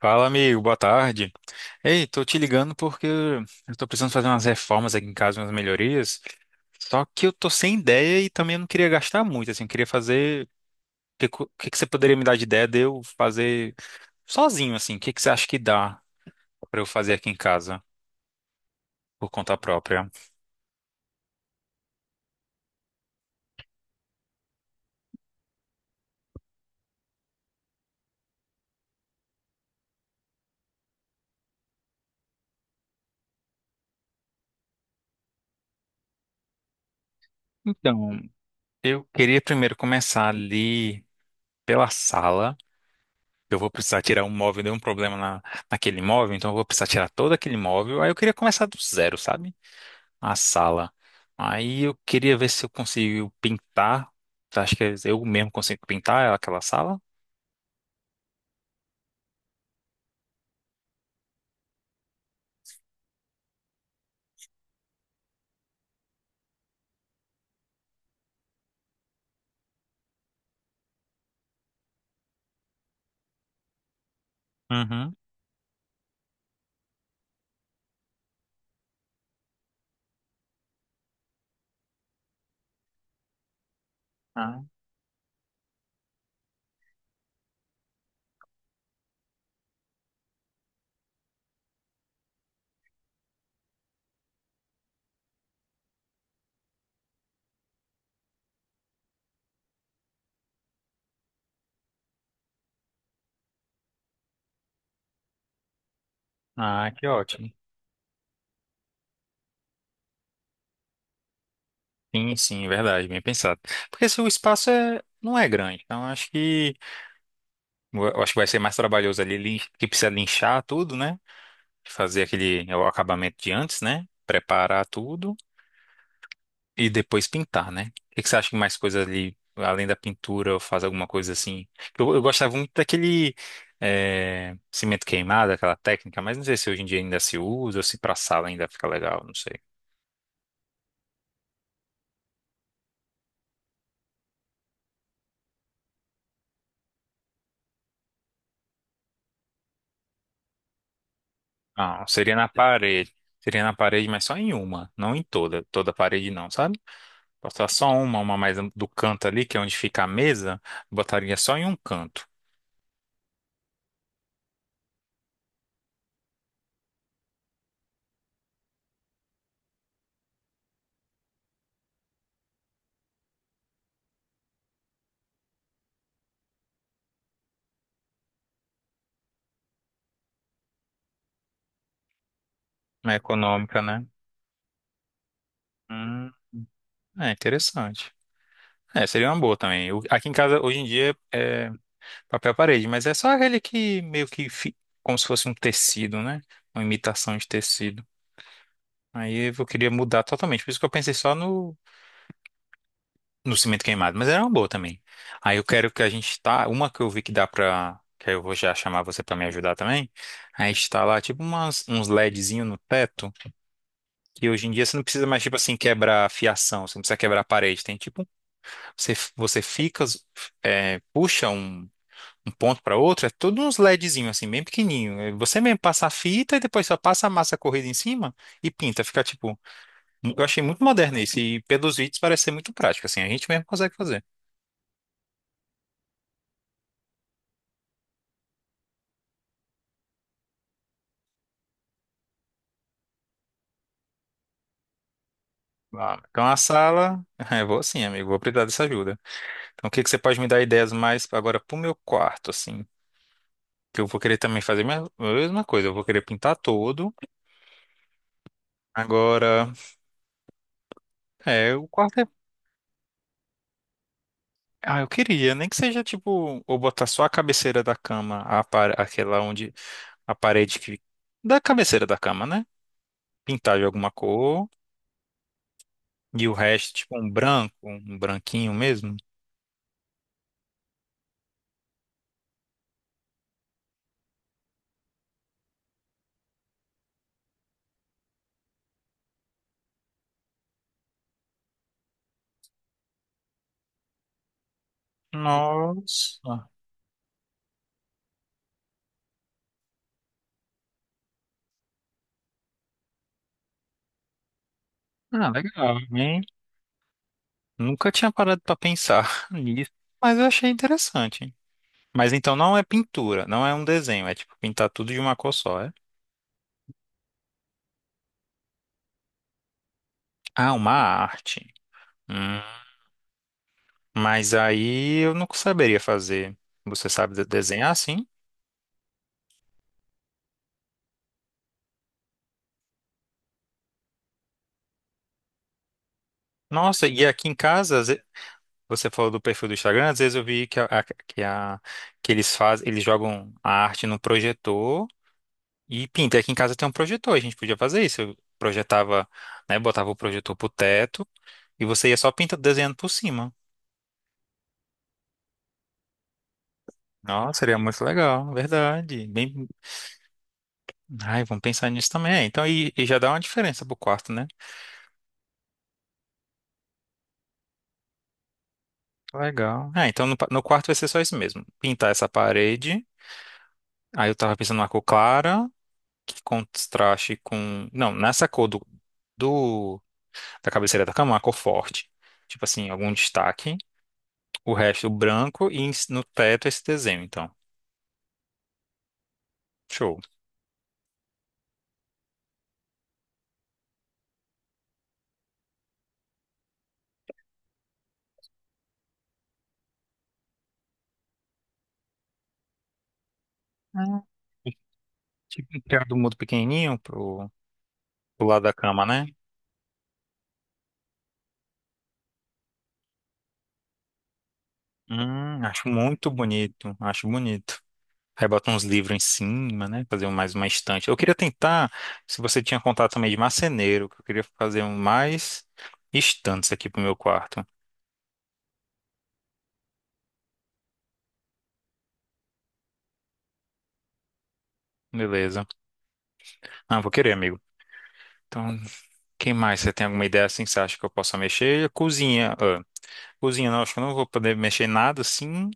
Fala, amigo, boa tarde. Ei, tô te ligando porque eu tô precisando fazer umas reformas aqui em casa, umas melhorias. Só que eu tô sem ideia e também eu não queria gastar muito, assim, eu queria fazer. O que, co- que você poderia me dar de ideia de eu fazer sozinho, assim? Que você acha que dá pra eu fazer aqui em casa, por conta própria? Então, eu queria primeiro começar ali pela sala. Eu vou precisar tirar um móvel, deu um problema naquele móvel, então eu vou precisar tirar todo aquele móvel. Aí eu queria começar do zero, sabe? A sala. Aí eu queria ver se eu consigo pintar. Acho que eu mesmo consigo pintar aquela sala. Uhum. Ah, ah, que ótimo. Sim, sim, verdade, bem pensado. Porque se o espaço não é grande, então acho que eu acho que vai ser mais trabalhoso ali, que precisa linchar tudo, né? Fazer aquele o acabamento de antes, né? Preparar tudo. E depois pintar, né? O que que você acha que mais coisa ali, além da pintura, ou faz alguma coisa assim? Eu gostava muito daquele cimento queimado, aquela técnica, mas não sei se hoje em dia ainda se usa, ou se pra sala ainda fica legal, não sei. Ah, seria na parede. Seria na parede, mas só em uma, não em toda. Toda parede não, sabe? Botar só uma mais do canto ali, que é onde fica a mesa, botaria só em um canto. É econômica, né? Hum, é interessante. É, seria uma boa também. Aqui em casa, hoje em dia, é, papel parede, mas é só aquele que como se fosse um tecido, né? Uma imitação de tecido. Aí eu queria mudar totalmente, por isso que eu pensei só no, no cimento queimado, mas era uma boa também. Aí eu quero que a gente tá, uma que eu vi que dá pra, que aí eu vou já chamar você pra me ajudar também. Aí está lá tipo uns LEDzinho no teto, que hoje em dia você não precisa mais tipo assim quebrar a fiação, você não precisa quebrar a parede, tem tipo, você fica, é, puxa um ponto para outro, é tudo uns LEDzinho assim, bem pequenininho. É. Você mesmo passa a fita e depois só passa a massa corrida em cima e pinta. Fica tipo, eu achei muito moderno isso e pelos vídeos parece ser muito prático, assim, a gente mesmo consegue fazer. Ah, então a sala, eu vou assim, amigo, vou precisar dessa ajuda. Então o que que você pode me dar ideias mais agora pro meu quarto, assim? Que eu vou querer também fazer a mesma coisa, eu vou querer pintar todo. Agora, é, o quarto é. Ah, eu queria, nem que seja tipo, ou botar só a cabeceira da cama, a par- aquela onde a parede que da cabeceira da cama, né? Pintar de alguma cor e o resto tipo um branco, um branquinho mesmo. Nossa. Ah, legal, hein? Nunca tinha parado pra pensar nisso, mas eu achei interessante. Mas então não é pintura, não é um desenho, é tipo pintar tudo de uma cor só, é? Ah, uma arte. Hum, Mas aí eu não saberia fazer. Você sabe desenhar, sim? Nossa, e aqui em casa, você falou do perfil do Instagram, às vezes eu vi que, a- que eles fazem, eles jogam a arte no projetor e pinta. Aqui em casa tem um projetor, a gente podia fazer isso. Eu projetava, né, botava o projetor pro teto e você ia só pintando, desenhando por cima. Nossa, seria muito legal, verdade. Bem, ai, vamos pensar nisso também. É, então, e já dá uma diferença pro quarto, né? Legal. É, então no quarto vai ser só isso mesmo. Pintar essa parede. Aí eu tava pensando numa cor clara, que contraste com. Não, nessa cor do. Da cabeceira da cama, uma cor forte. Tipo assim, algum destaque. O resto branco e no teto esse desenho, então. Show. Ah, tipo um criado mudo pequenininho pro lado da cama, né? Acho muito bonito, acho bonito. Aí bota uns livros em cima, né? Fazer mais uma estante. Eu queria tentar, se você tinha contato também de marceneiro, que eu queria fazer um mais estantes aqui pro meu quarto. Beleza. Ah, vou querer, amigo. Então, quem mais? Você tem alguma ideia assim que você acha que eu possa mexer? Cozinha. Ah, cozinha, não, acho que eu não vou poder mexer em nada assim.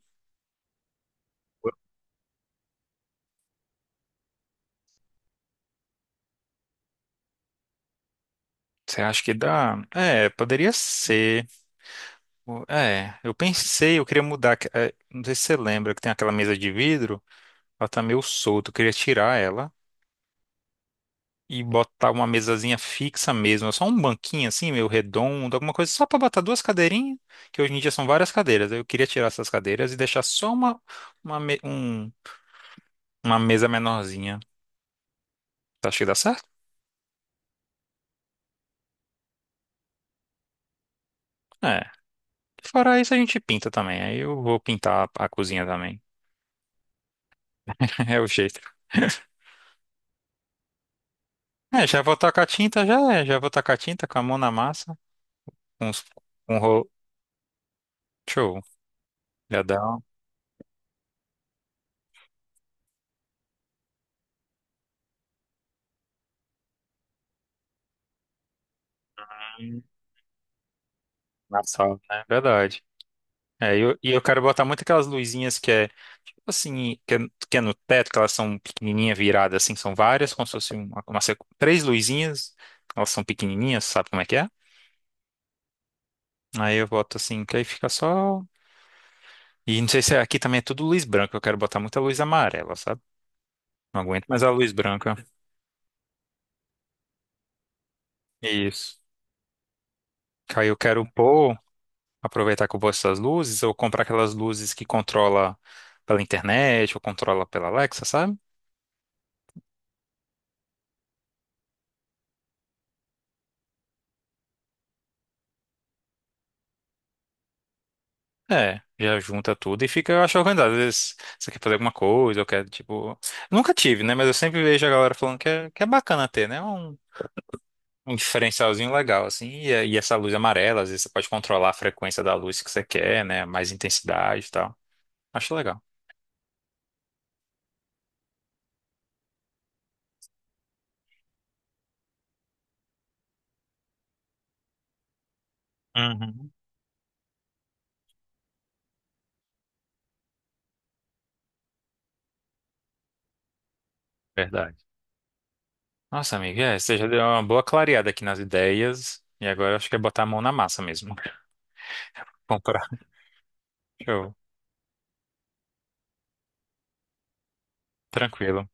Você acha que dá? É, poderia ser. É, eu pensei, eu queria mudar. É, não sei se você lembra que tem aquela mesa de vidro, ela tá meio solta, eu queria tirar ela e botar uma mesazinha fixa mesmo, só um banquinho assim, meio redondo, alguma coisa, só pra botar duas cadeirinhas, que hoje em dia são várias cadeiras. Eu queria tirar essas cadeiras e deixar só uma, me- um- uma mesa menorzinha. Você acha que dá certo? É. Fora isso, a gente pinta também. Aí eu vou pintar a cozinha também. É o jeito. É, já vou tacar tinta, já é. Já vou tacar tinta com a mão na massa. Com uns- com um rolo. Show. Já dá um- na sala, né? Verdade. É, e eu quero botar muito aquelas luzinhas que é no teto, que elas são pequenininha viradas, assim, são várias, como se fosse uma três luzinhas, elas são pequenininhas, sabe como é que é? Aí eu boto assim, que aí fica só. E não sei se é, aqui também é tudo luz branca, eu quero botar muita luz amarela, sabe? Não aguento mais a luz branca. Isso. Que aí eu quero pôr, aproveitar que eu gosto dessas luzes, ou comprar aquelas luzes que controla pela internet, ou controla pela Alexa, sabe? É, já junta tudo e fica, eu acho, organizado. Às vezes você quer fazer alguma coisa, ou quer, tipo... Nunca tive, né? Mas eu sempre vejo a galera falando que é bacana ter, né? Um diferencialzinho legal, assim. E, e essa luz amarela, às vezes você pode controlar a frequência da luz que você quer, né? Mais intensidade e tal. Acho legal. Uhum. Verdade. Nossa, amiga, é, você já deu uma boa clareada aqui nas ideias. E agora acho que é botar a mão na massa mesmo. Comprar. Show. Tranquilo.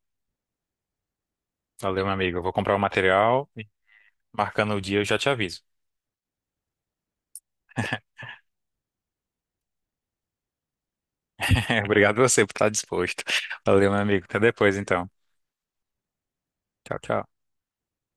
Valeu, meu amigo. Eu vou comprar o material e marcando o dia eu já te aviso. Obrigado você por estar disposto. Valeu, meu amigo. Até depois, então. Tchau, tchau.